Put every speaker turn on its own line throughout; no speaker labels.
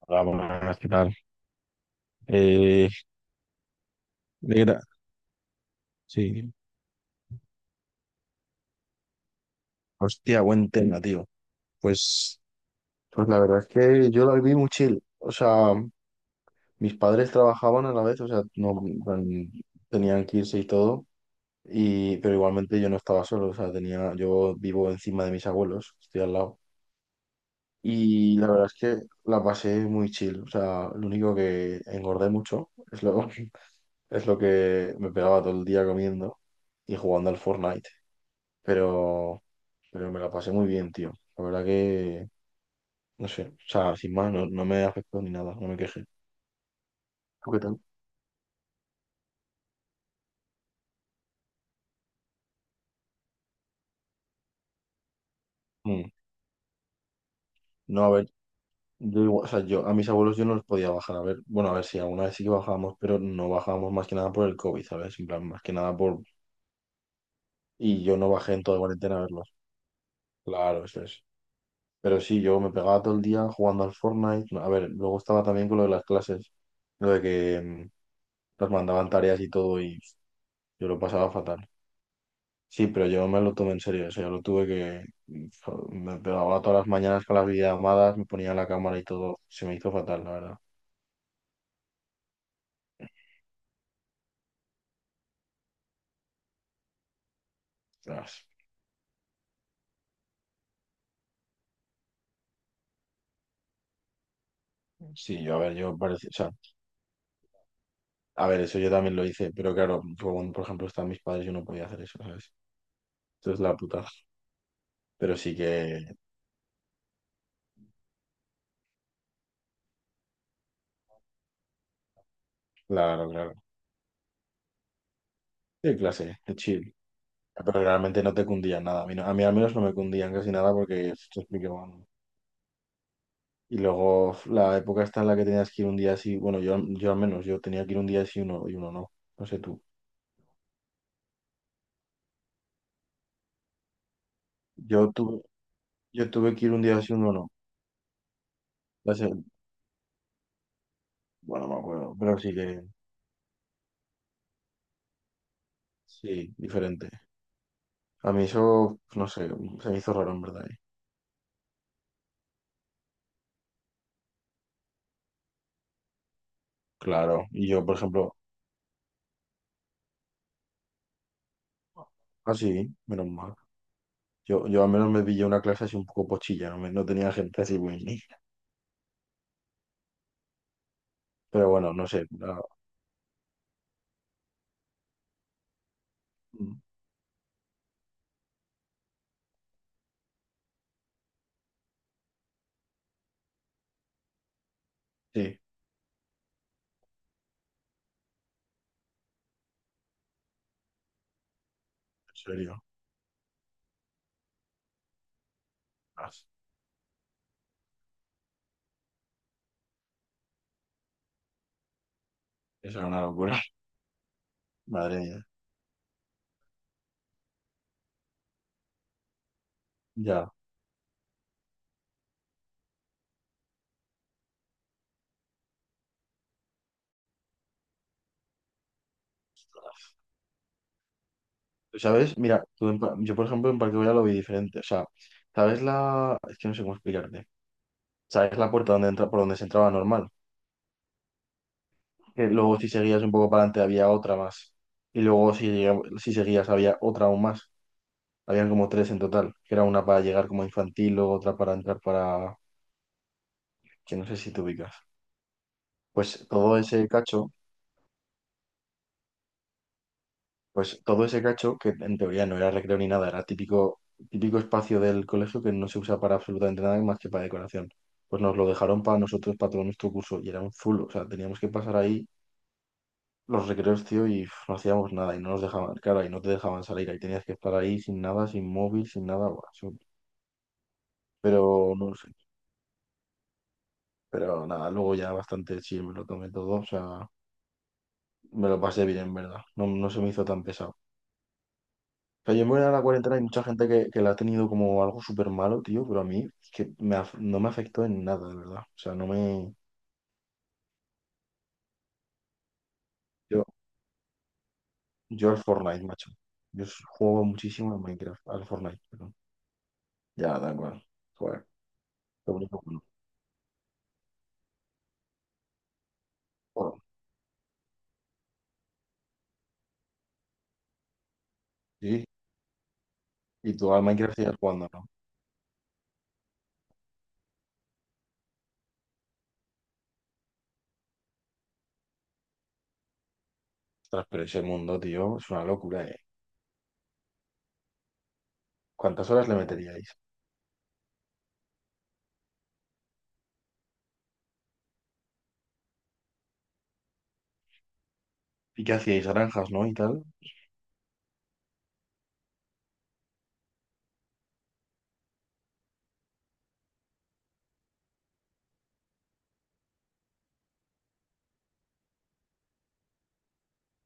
Hola, buenas, ¿qué tal? Eh, negra, sí, hostia, buen tema, tío. Pues, pues la verdad es que yo la viví muy chill. O sea, mis padres trabajaban a la vez, o sea, no en- tenían que irse y todo, y, pero igualmente yo no estaba solo, o sea, tenía, yo vivo encima de mis abuelos, estoy al lado. Y la verdad es que la pasé muy chill, o sea, lo único que engordé mucho es lo, es lo que me pegaba todo el día comiendo y jugando al Fortnite. pero, pero me la pasé muy bien, tío. La verdad que, no sé, o sea, sin más, no, no me afectó ni nada, no me quejé. ¿Tú qué tal? Mm, No, a ver, o sea, yo a mis abuelos yo no los podía bajar, a ver, bueno, a ver si alguna vez sí que bajábamos, pero no bajábamos más que nada por el COVID, ¿sabes? En plan, más que nada por... Y yo no bajé en toda cuarentena a verlos. Claro, eso es. Pero sí, yo me pegaba todo el día jugando al Fortnite. No, a ver, luego estaba también con lo de las clases, lo de que nos mandaban tareas y todo y yo lo pasaba fatal. Sí, pero yo me lo tomé en serio, o sea, yo lo tuve que... Me pegaba todas las mañanas con las videollamadas, me ponía la cámara y todo, se me hizo fatal, la verdad. Ostras. Sí, yo, a ver, yo parecía, o sea, a ver, eso yo también lo hice, pero claro, yo, cuando, por ejemplo, estaban mis padres, yo no podía hacer eso, ¿sabes? Esto es la puta. Pero sí que, claro, claro. Sí, clase, qué chill. Pero realmente no te cundían nada, a mí, a mí al menos no me cundían casi nada porque se explicaban. Y luego la época está en la que tenías que ir un día así, bueno, yo al menos, yo tenía que ir un día así uno y uno no, no sé tú. Yo tuve, yo tuve que ir un día así uno no. Ya sé, bueno, no me acuerdo, pero sí que, sí, diferente. A mí eso, no sé, se me hizo raro en verdad, ¿eh? Claro, y yo, por ejemplo, así, menos mal. Yo al menos me pillé una clase así un poco pochilla, no, no tenía gente así muy... Pero bueno, no sé, sí, en serio, esa es una locura, madre mía. Ya. ¿Sabes? Mira, yo por ejemplo en Parque Güell lo vi diferente. O sea, ¿sabes la...? Es que no sé cómo explicarte. ¿Sabes la puerta donde entra, por donde se entraba normal? Que luego si seguías un poco para adelante había otra más. Y luego si seguías había otra aún más. Habían como tres en total. Que era una para llegar como infantil, luego otra para entrar para... Que no sé si te ubicas. Pues todo ese cacho. Pues todo ese cacho, que en teoría no era recreo ni nada, era típico, típico espacio del colegio que no se usa para absolutamente nada más que para decoración. Pues nos lo dejaron para nosotros, para todo nuestro curso, y era un zulo. O sea, teníamos que pasar ahí los recreos, tío, y uf, no hacíamos nada, y no nos dejaban, claro, y no te dejaban salir, ahí tenías que estar ahí sin nada, sin móvil, sin nada, buah, pero no sé. Pero nada, luego ya bastante sí, me lo tomé todo, o sea, me lo pasé bien, en verdad. No, no se me hizo tan pesado. Sea, yo me voy a la cuarentena, y hay mucha gente que la ha tenido como algo súper malo, tío, pero a mí es que no me afectó en nada, de verdad. O sea, no me... Yo, yo al Fortnite, macho. Juego muchísimo en Minecraft, al Fortnite, perdón. Ya, da igual. Joder, lo único bueno. Joder, sí. Y tú al Minecraft sigues jugando, ¿no? Ostras, pero ese mundo, tío, es una locura, ¿eh? ¿Cuántas horas le meteríais? ¿Y qué hacíais? Granjas, ¿no? Y tal.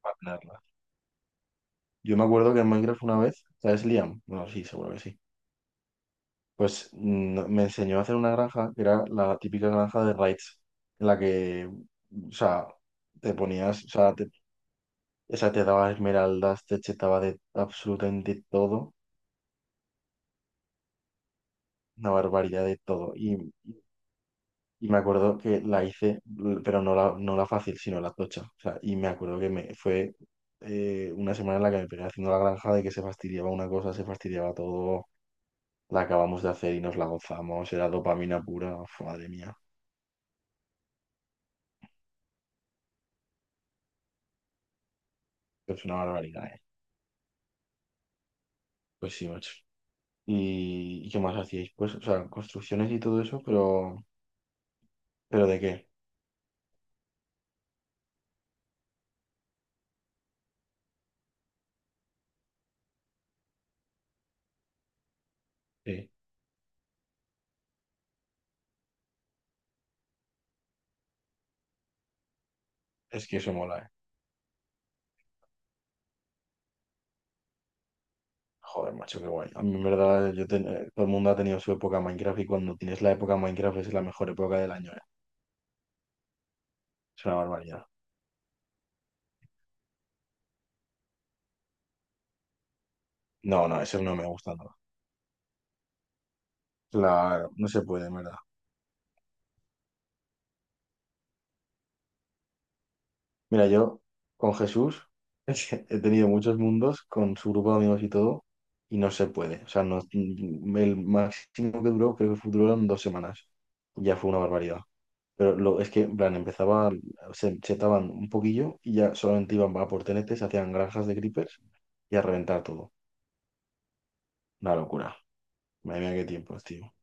Para tenerlas. Yo me acuerdo que en Minecraft una vez, ¿sabes Liam? Bueno, sí, seguro que sí. Pues me enseñó a hacer una granja que era la típica granja de raids, en la que, o sea, te ponías, o sea, te, esa te daba esmeraldas, te chetaba de absolutamente todo, una barbaridad de todo. Y me acuerdo que la hice, pero no la fácil, sino la tocha. O sea, y me acuerdo que me fue una semana en la que me pegué haciendo la granja de que se fastidiaba una cosa, se fastidiaba todo, la acabamos de hacer y nos la gozamos, era dopamina pura. Uf, madre mía, es una barbaridad, ¿eh? Pues sí, macho. ¿Y qué más hacíais? Pues, o sea, construcciones y todo eso. ¿Pero de qué? Sí, es que eso mola, ¿eh? Joder, macho, qué guay. A mí, en verdad, todo el mundo ha tenido su época Minecraft y cuando tienes la época Minecraft es la mejor época del año, ¿eh? Es una barbaridad. No, no, eso no me gusta nada. Claro, no se puede, en verdad. Mira, yo con Jesús he tenido muchos mundos con su grupo de amigos y todo y no se puede. O sea, no, el máximo que duró creo que duró dos semanas. Ya fue una barbaridad. Pero lo, es que, en plan, empezaba, se setaban un poquillo y ya solamente iban a por tenetes, hacían granjas de creepers y a reventar todo. Una locura. Madre mía, qué tiempos, tío.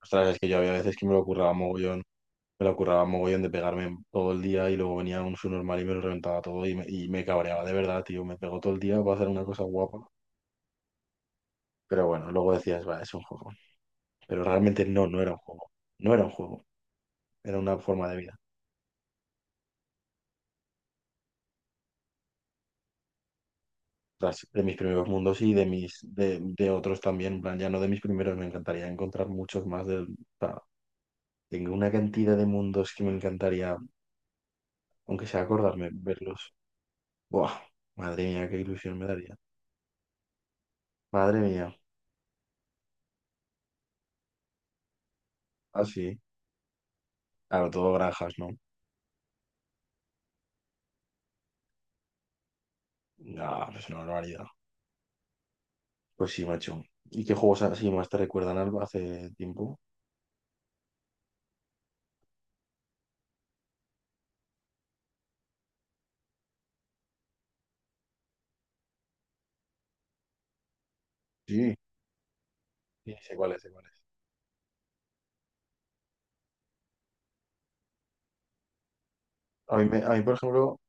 Ostras, es que yo había veces que me lo curraba mogollón, me lo curraba mogollón de pegarme todo el día y luego venía un subnormal y me lo reventaba todo y me cabreaba de verdad, tío. Me pegó todo el día para hacer una cosa guapa. Pero bueno, luego decías, va, es un juego. Pero realmente no, no era un juego. No era un juego, era una forma de vida. De mis primeros mundos y de mis de otros también, en plan, ya no de mis primeros, me encantaría encontrar muchos más de, o sea, tengo una cantidad de mundos que me encantaría, aunque sea acordarme, verlos. Buah, madre mía, qué ilusión me daría. Madre mía, así. Claro, todo granjas, ¿no? Ah, pues una barbaridad. Pues sí, macho. ¿Y qué juegos así más te recuerdan algo hace tiempo? Sí, sí, sé cuáles, sé cuáles. A mí, por ejemplo,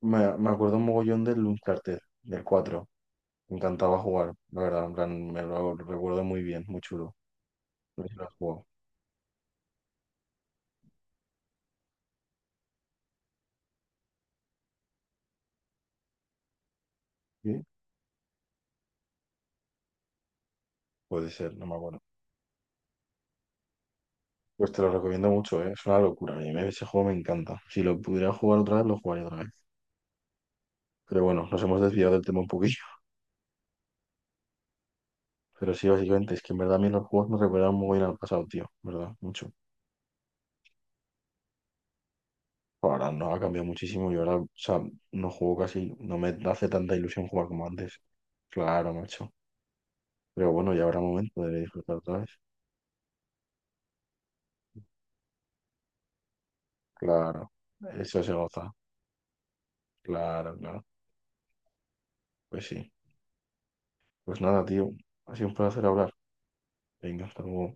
me acuerdo un mogollón del Uncharted, del cuatro. Me encantaba jugar, la verdad, en plan, me lo recuerdo muy bien, muy chulo. No sé si lo has jugado. ¿Sí? Puede ser, no me acuerdo. Pues te lo recomiendo mucho, ¿eh? Es una locura. Ese juego me encanta. Si lo pudiera jugar otra vez, lo jugaría otra vez. Pero bueno, nos hemos desviado del tema un poquillo. Pero sí, básicamente, es que en verdad a mí los juegos me recuerdan muy bien al pasado, tío. ¿Verdad? Mucho. Ahora no ha cambiado muchísimo y ahora, o sea, no juego casi, no me hace tanta ilusión jugar como antes. Claro, macho. Pero bueno, ya habrá momento de disfrutar otra vez. Claro. Eso se goza. Claro, claro. Pues sí. Pues nada, tío. Ha sido un placer hablar. Venga, hasta luego.